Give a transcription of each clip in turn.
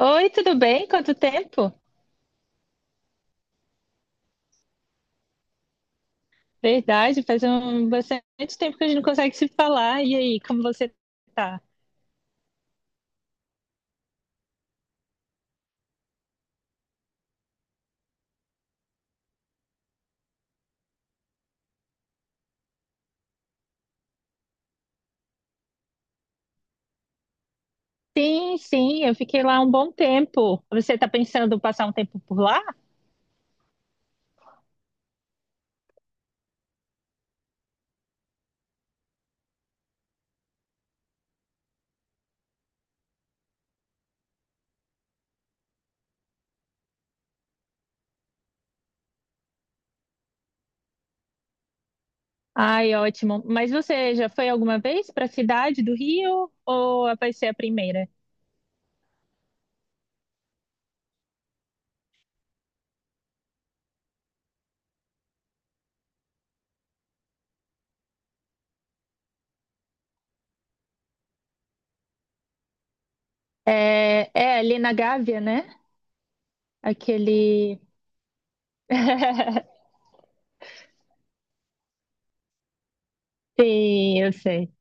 Oi, tudo bem? Quanto tempo? Verdade, faz um bastante tempo que a gente não consegue se falar. E aí, como você tá? Sim, sim, eu fiquei lá um bom tempo. Você tá pensando em passar um tempo por lá? Ai, ótimo. Mas você já foi alguma vez para a cidade do Rio ou vai ser a primeira? É ali na Gávea, né? Aquele. Sim, eu sei.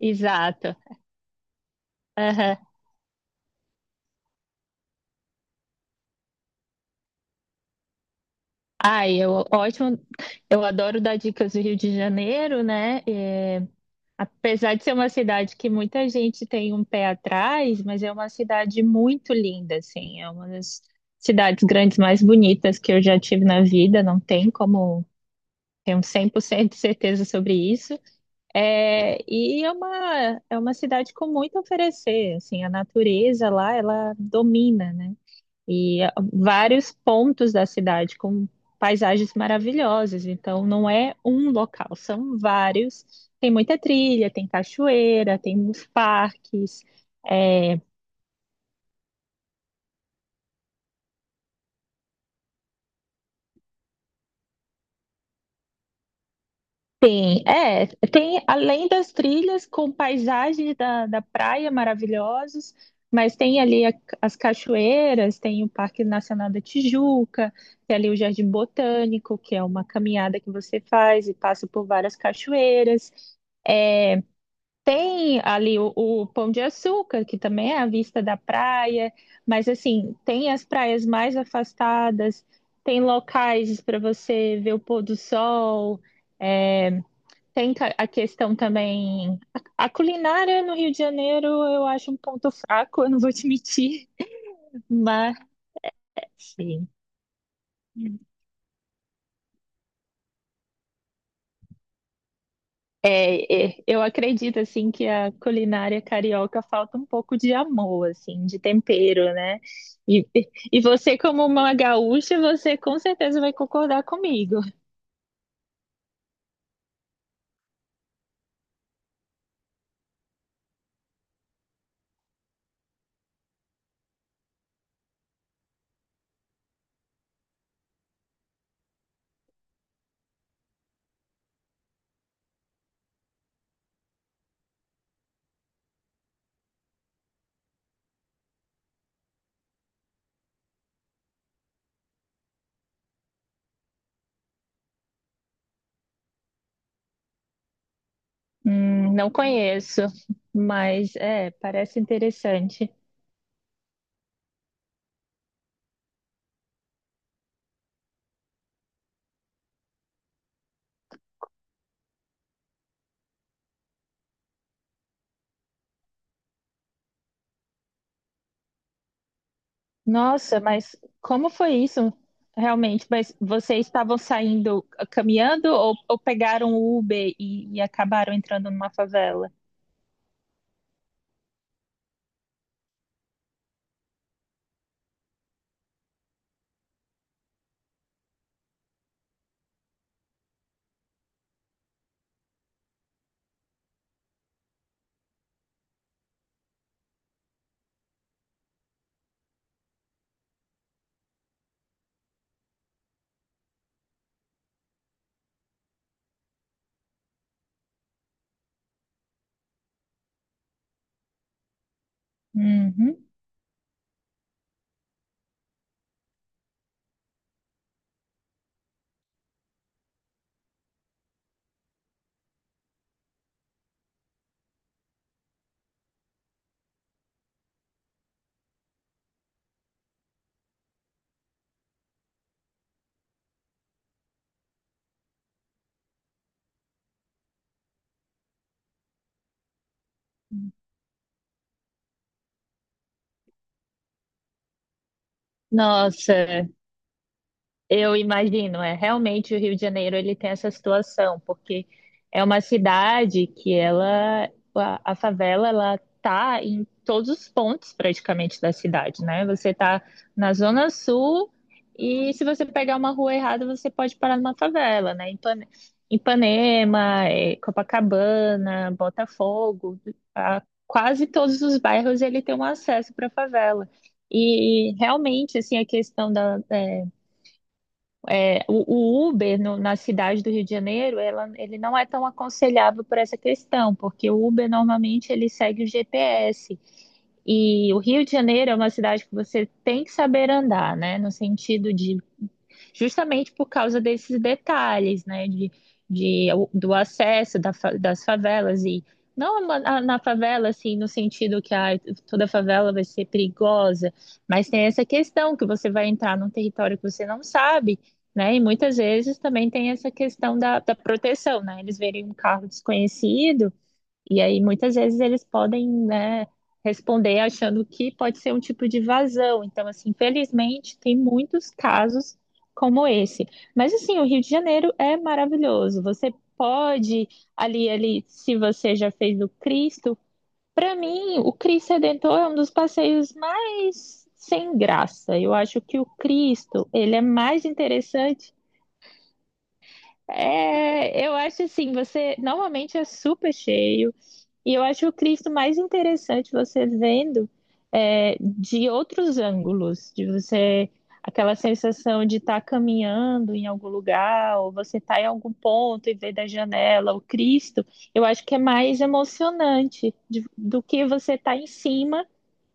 Exato. Aham. Ai, ótimo. Eu adoro dar dicas do Rio de Janeiro, né? Apesar de ser uma cidade que muita gente tem um pé atrás, mas é uma cidade muito linda, assim, é uma das cidades grandes mais bonitas que eu já tive na vida, não tem como ter um 100% de certeza sobre isso. É, e é uma cidade com muito a oferecer, assim, a natureza lá, ela domina, né? E vários pontos da cidade com paisagens maravilhosas. Então, não é um local, são vários. Tem muita trilha, tem cachoeira, tem uns parques, é, tem, é, tem além das trilhas com paisagens da praia maravilhosos, mas tem ali as cachoeiras, tem o Parque Nacional da Tijuca, tem ali o Jardim Botânico, que é uma caminhada que você faz e passa por várias cachoeiras. Tem ali o Pão de Açúcar, que também é à vista da praia, mas assim, tem as praias mais afastadas, tem locais para você ver o pôr do sol, é, a questão também. A culinária no Rio de Janeiro eu acho um ponto fraco, eu não vou te mentir, mas eu acredito assim que a culinária carioca falta um pouco de amor, assim, de tempero, né? E, e você, como uma gaúcha, você com certeza vai concordar comigo. Não conheço, mas é, parece interessante. Nossa, mas como foi isso realmente? Mas vocês estavam saindo caminhando ou pegaram o Uber e acabaram entrando numa favela? Uhum. Nossa. Eu imagino, é realmente o Rio de Janeiro ele tem essa situação, porque é uma cidade que ela a favela ela tá em todos os pontos praticamente da cidade, né? Você tá na zona sul e se você pegar uma rua errada, você pode parar numa favela, né? Ipanema, Copacabana, Botafogo, a- quase todos os bairros ele tem um acesso para favela. E realmente assim a questão da o Uber na cidade do Rio de Janeiro, ele não é tão aconselhável por essa questão, porque o Uber normalmente ele segue o GPS. E o Rio de Janeiro é uma cidade que você tem que saber andar, né? No sentido de justamente por causa desses detalhes, né, de, de do acesso das favelas e não na favela, assim, no sentido que toda favela vai ser perigosa, mas tem essa questão que você vai entrar num território que você não sabe, né? E muitas vezes também tem essa questão da proteção, né? Eles verem um carro desconhecido, e aí, muitas vezes, eles podem, né, responder achando que pode ser um tipo de vazão. Então, assim, infelizmente, tem muitos casos como esse. Mas, assim, o Rio de Janeiro é maravilhoso. Você pode, ali, se você já fez o Cristo, para mim, o Cristo Redentor é um dos passeios mais sem graça. Eu acho que o Cristo, ele é mais interessante. É, eu acho assim, você normalmente é super cheio. E eu acho o Cristo mais interessante você vendo de outros ângulos, de você aquela sensação de estar caminhando em algum lugar, ou você estar em algum ponto e ver da janela o Cristo, eu acho que é mais emocionante do que você estar em cima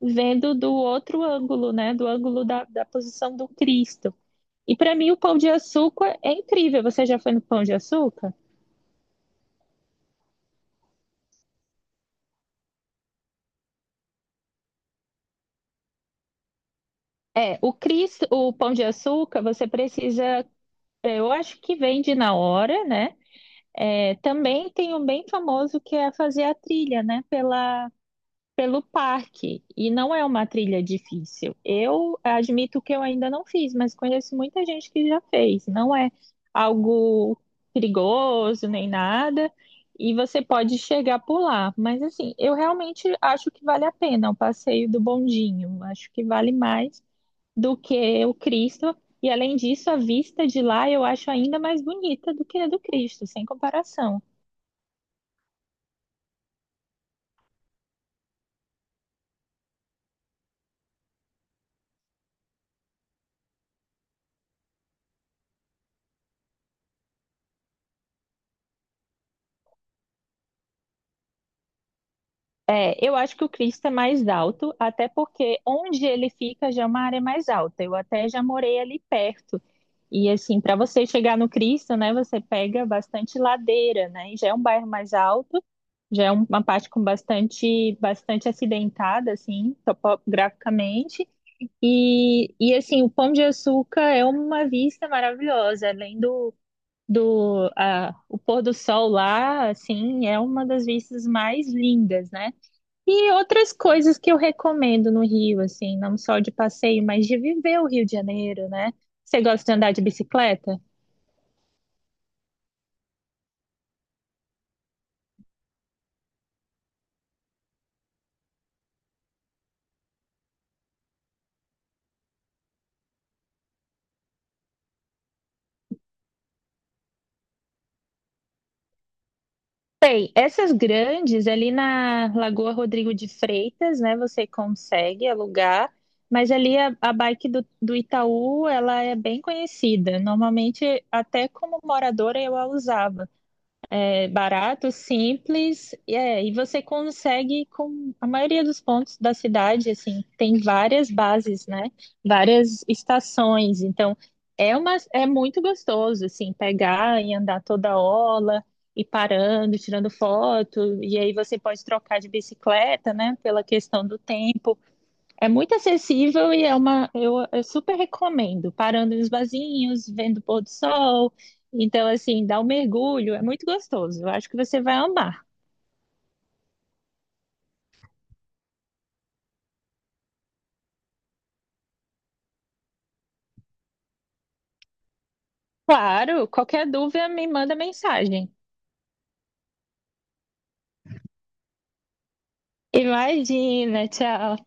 vendo do outro ângulo, né? Do ângulo da posição do Cristo. E para mim o pão de açúcar é incrível. Você já foi no pão de açúcar? É, o Cristo, o pão de açúcar, você precisa. É, eu acho que vende na hora, né? É, também tem um bem famoso que é fazer a trilha, né? Pelo parque. E não é uma trilha difícil. Eu admito que eu ainda não fiz, mas conheço muita gente que já fez. Não é algo perigoso nem nada. E você pode chegar por lá. Mas assim, eu realmente acho que vale a pena o passeio do bondinho. Acho que vale mais do que o Cristo. E além disso, a vista de lá eu acho ainda mais bonita do que a do Cristo, sem comparação. É, eu acho que o Cristo é mais alto, até porque onde ele fica já é uma área mais alta. Eu até já morei ali perto. E assim, para você chegar no Cristo, né, você pega bastante ladeira, né? E já é um bairro mais alto, já é uma parte com bastante, bastante acidentada, assim, topograficamente. E assim, o Pão de Açúcar é uma vista maravilhosa, além o pôr do sol lá, assim, é uma das vistas mais lindas, né? E outras coisas que eu recomendo no Rio, assim, não só de passeio, mas de viver o Rio de Janeiro, né? Você gosta de andar de bicicleta? Bem, essas grandes ali na Lagoa Rodrigo de Freitas, né? Você consegue alugar, mas ali a bike do Itaú, ela é bem conhecida. Normalmente, até como moradora, eu a usava. É barato, simples, e você consegue com a maioria dos pontos da cidade, assim, tem várias bases, né? Várias estações. Então, é muito gostoso, assim, pegar e andar toda hora, e parando, tirando foto, e aí você pode trocar de bicicleta, né? Pela questão do tempo. É muito acessível e é uma. Eu super recomendo. Parando nos barzinhos, vendo o pôr do sol. Então, assim, dá um mergulho, é muito gostoso. Eu acho que você vai amar. Claro, qualquer dúvida me manda mensagem. Imagina, tchau.